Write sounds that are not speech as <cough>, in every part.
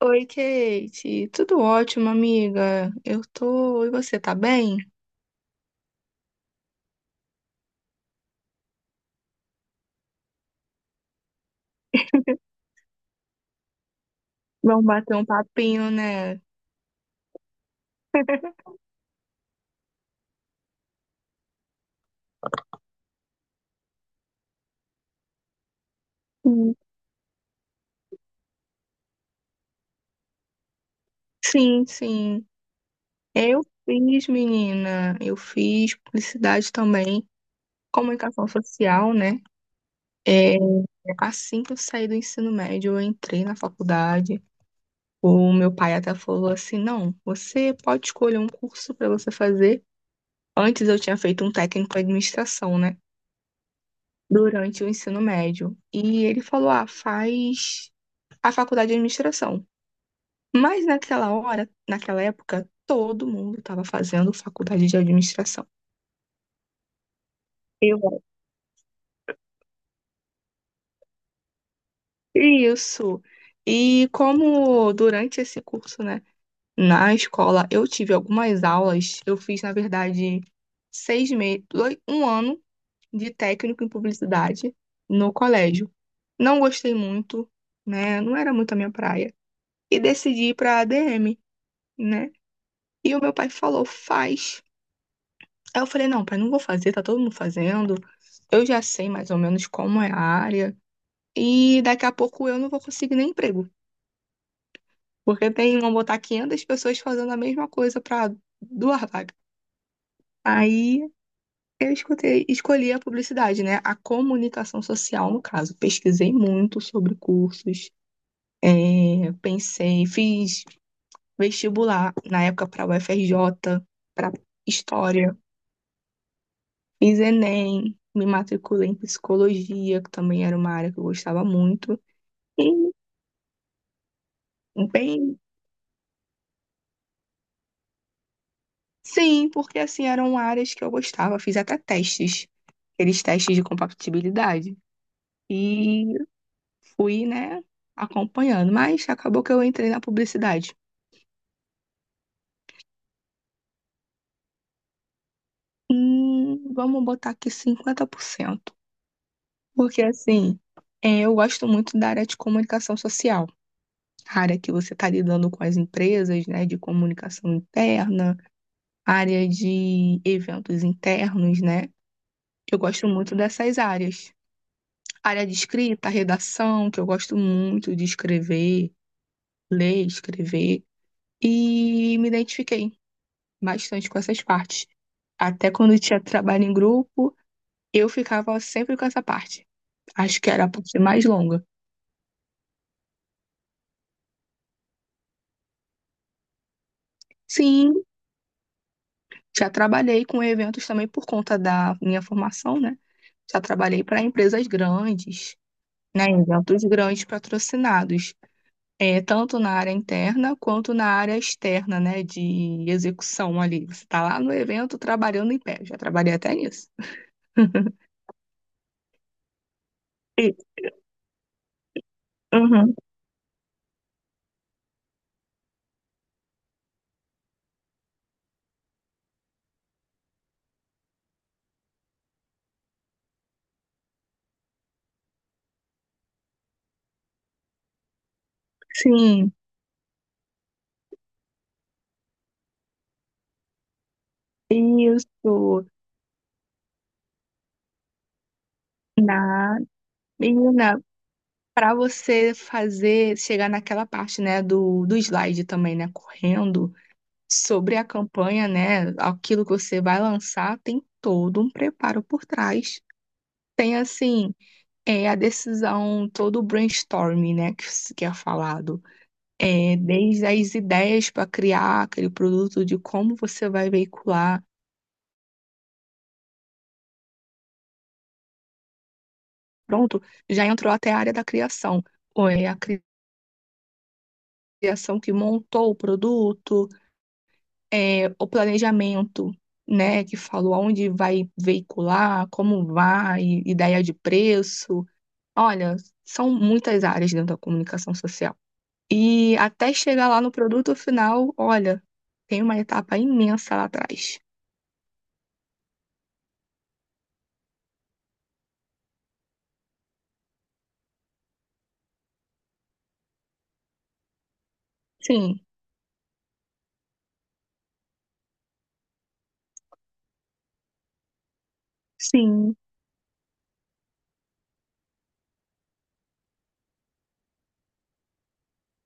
Oi, Kate. Tudo ótimo, amiga? Eu tô. E você, tá bem? Vamos bater um papinho, né? Hum. Sim, sim. Eu fiz, menina. Eu fiz publicidade também, comunicação social, né? É, assim que eu saí do ensino médio, eu entrei na faculdade. O meu pai até falou assim: não, você pode escolher um curso para você fazer. Antes eu tinha feito um técnico em administração, né, durante o ensino médio. E ele falou: ah, faz a faculdade de administração. Mas naquela hora, naquela época, todo mundo estava fazendo faculdade de administração. Eu. Isso. E como durante esse curso, né, na escola, eu tive algumas aulas, eu fiz, na verdade, 6 meses, 1 ano de técnico em publicidade no colégio. Não gostei muito, né? Não era muito a minha praia. E decidi ir para a ADM, né? E o meu pai falou, faz. Aí eu falei, não, pai, não vou fazer, tá todo mundo fazendo. Eu já sei mais ou menos como é a área. E daqui a pouco eu não vou conseguir nem emprego. Porque tem, vão botar 500 pessoas fazendo a mesma coisa para duas vagas. Aí eu escutei, escolhi a publicidade, né? A comunicação social, no caso. Pesquisei muito sobre cursos. É, pensei, fiz vestibular na época para UFRJ, para História. Fiz Enem, me matriculei em psicologia, que também era uma área que eu gostava muito. E bem, sim, porque assim eram áreas que eu gostava, fiz até testes, aqueles testes de compatibilidade. E fui, né, acompanhando, mas acabou que eu entrei na publicidade. Vamos botar aqui 50% porque assim, eu gosto muito da área de comunicação social, a área que você está lidando com as empresas, né, de comunicação interna área de eventos internos, né? Eu gosto muito dessas áreas. Área de escrita, redação, que eu gosto muito de escrever, ler, escrever. E me identifiquei bastante com essas partes. Até quando eu tinha trabalho em grupo, eu ficava sempre com essa parte. Acho que era a parte mais longa. Sim, já trabalhei com eventos também por conta da minha formação, né? Já trabalhei para empresas grandes, né? Eventos grandes patrocinados. É, tanto na área interna quanto na área externa, né, de execução ali. Você está lá no evento trabalhando em pé. Já trabalhei até nisso. <laughs> E- Uhum, sim, isso. Na, menina, para você fazer, chegar naquela parte, né, do slide também, né, correndo sobre a campanha, né, aquilo que você vai lançar, tem todo um preparo por trás. Tem, assim, a decisão, todo o brainstorming, né, que, que é falado. É, desde as ideias para criar aquele produto, de como você vai veicular. Pronto, já entrou até a área da criação. Ou é a criação que montou o produto, o planejamento, né, que falou onde vai veicular, como vai, ideia de preço. Olha, são muitas áreas dentro da comunicação social. E até chegar lá no produto final, olha, tem uma etapa imensa lá atrás. Sim, sim,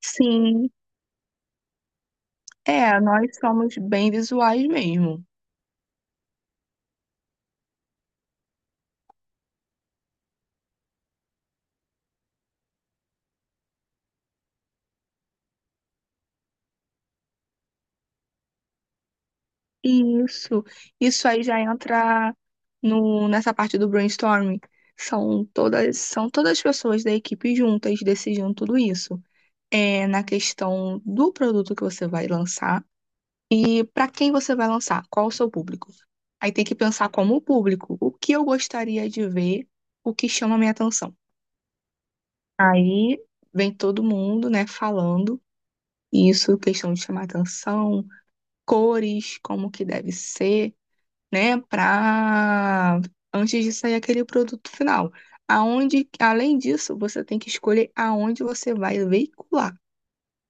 sim. É, nós somos bem visuais mesmo. Isso, isso aí já entra no, nessa parte do brainstorming. São todas as pessoas da equipe juntas decidindo tudo isso. É na questão do produto que você vai lançar e para quem você vai lançar, qual o seu público. Aí tem que pensar como o público, o que eu gostaria de ver, o que chama a minha atenção. Aí vem todo mundo, né, falando. Isso, questão de chamar atenção, cores, como que deve ser, né, para antes de sair aquele produto final. Aonde, além disso, você tem que escolher aonde você vai veicular,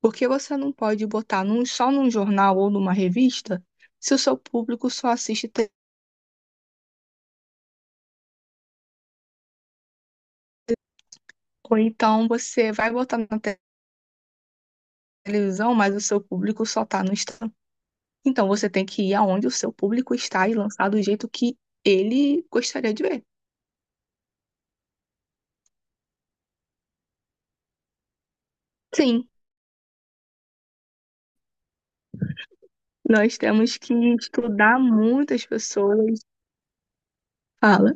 porque você não pode botar só num jornal ou numa revista se o seu público só assiste TV. Ou então você vai botar na televisão, mas o seu público só está no Instagram. Então você tem que ir aonde o seu público está e lançar do jeito que ele gostaria de ver. Sim, nós temos que estudar muitas pessoas. Fala.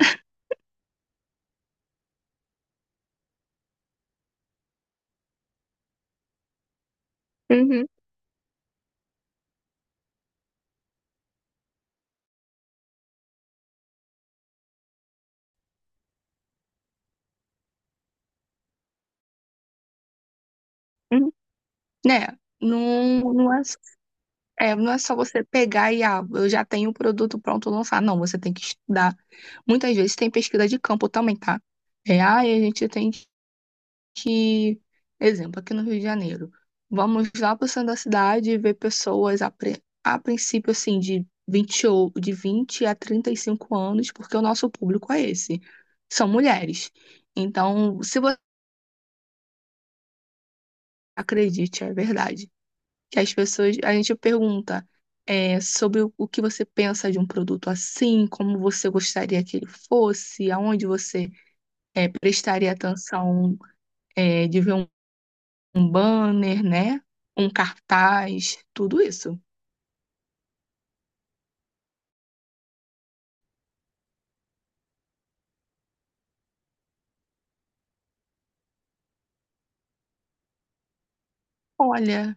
Uhum, uhum. Né? Não, não é só você pegar e, ah, eu já tenho o produto pronto, lançar. Não, você tem que estudar. Muitas vezes tem pesquisa de campo também, tá? É, ah, a gente tem que, exemplo, aqui no Rio de Janeiro, vamos lá para o centro da cidade e ver pessoas a princípio assim de 20 ou de 20 a 35 anos, porque o nosso público é esse, são mulheres. Então, se você acredite, é verdade, que as pessoas, a gente pergunta sobre o que você pensa de um produto assim, como você gostaria que ele fosse, aonde você prestaria atenção de ver um banner, né? Um cartaz, tudo isso. Olha,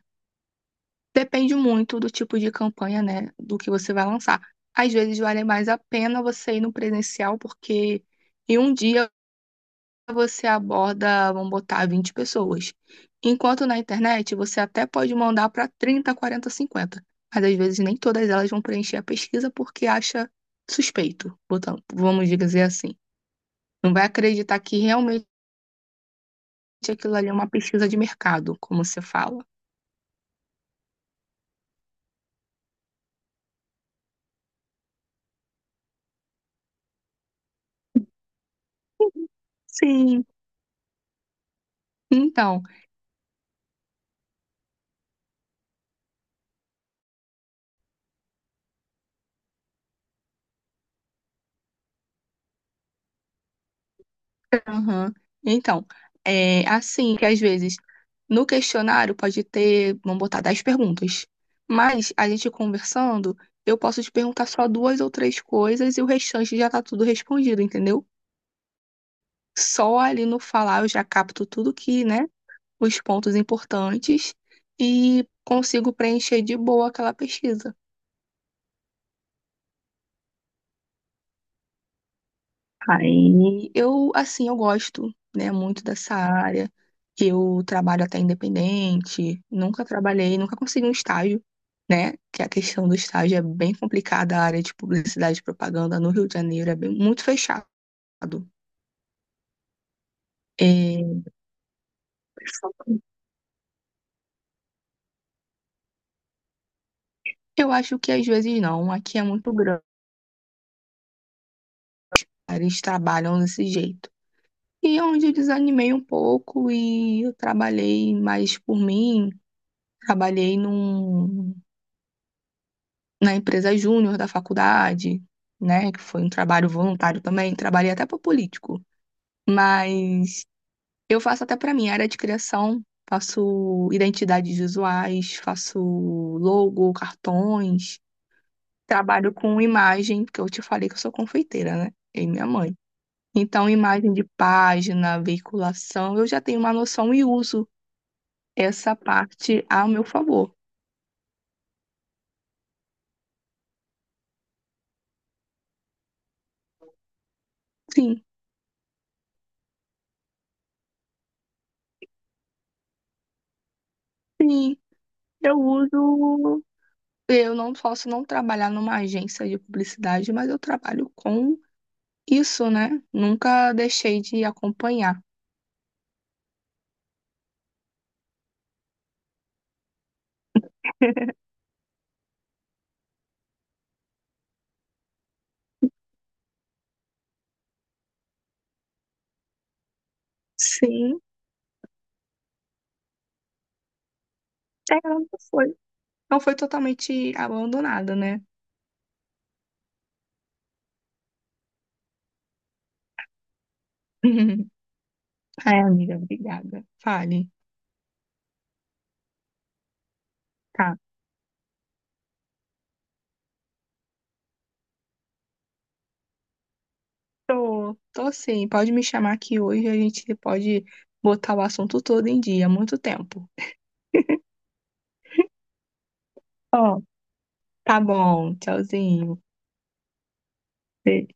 depende muito do tipo de campanha, né? Do que você vai lançar. Às vezes vale mais a pena você ir no presencial, porque em um dia você aborda, vamos botar, 20 pessoas. Enquanto na internet você até pode mandar para 30, 40, 50, mas às vezes nem todas elas vão preencher a pesquisa porque acha suspeito, vamos dizer assim. Não vai acreditar que realmente aquilo ali é uma pesquisa de mercado, como você fala. Sim, então, aham. Então, é assim que às vezes no questionário pode ter, vamos botar, 10 perguntas, mas a gente conversando, eu posso te perguntar só duas ou três coisas e o restante já tá tudo respondido, entendeu? Só ali no falar eu já capto tudo que, né, os pontos importantes e consigo preencher de boa aquela pesquisa. Aí eu, assim, eu gosto, né, muito dessa área. Eu trabalho até independente, nunca trabalhei, nunca consegui um estágio, né? Que a questão do estágio é bem complicada, a área de publicidade e propaganda no Rio de Janeiro é bem, muito fechado. É, eu acho que às vezes não, aqui é muito grande, eles trabalham desse jeito. E é onde eu desanimei um pouco e eu trabalhei mais por mim, trabalhei na empresa júnior da faculdade, né? Que foi um trabalho voluntário também. Trabalhei até para político, mas eu faço até para mim. Área de criação. Faço identidades visuais, faço logo, cartões, trabalho com imagem, porque eu te falei que eu sou confeiteira, né? Eu e minha mãe. Então, imagem de página, veiculação, eu já tenho uma noção e uso essa parte a meu favor. Sim, sim, eu uso eu não posso não trabalhar numa agência de publicidade, mas eu trabalho com isso, né? Nunca deixei de acompanhar. <laughs> Sim, não foi. Não foi totalmente abandonada, né? <laughs> Ai, amiga, obrigada. Fale. Tá. Tô, tô sim. Pode me chamar aqui hoje, a gente pode botar o assunto todo em dia, há muito tempo. Ó, tá bom. Tchauzinho. Beijo.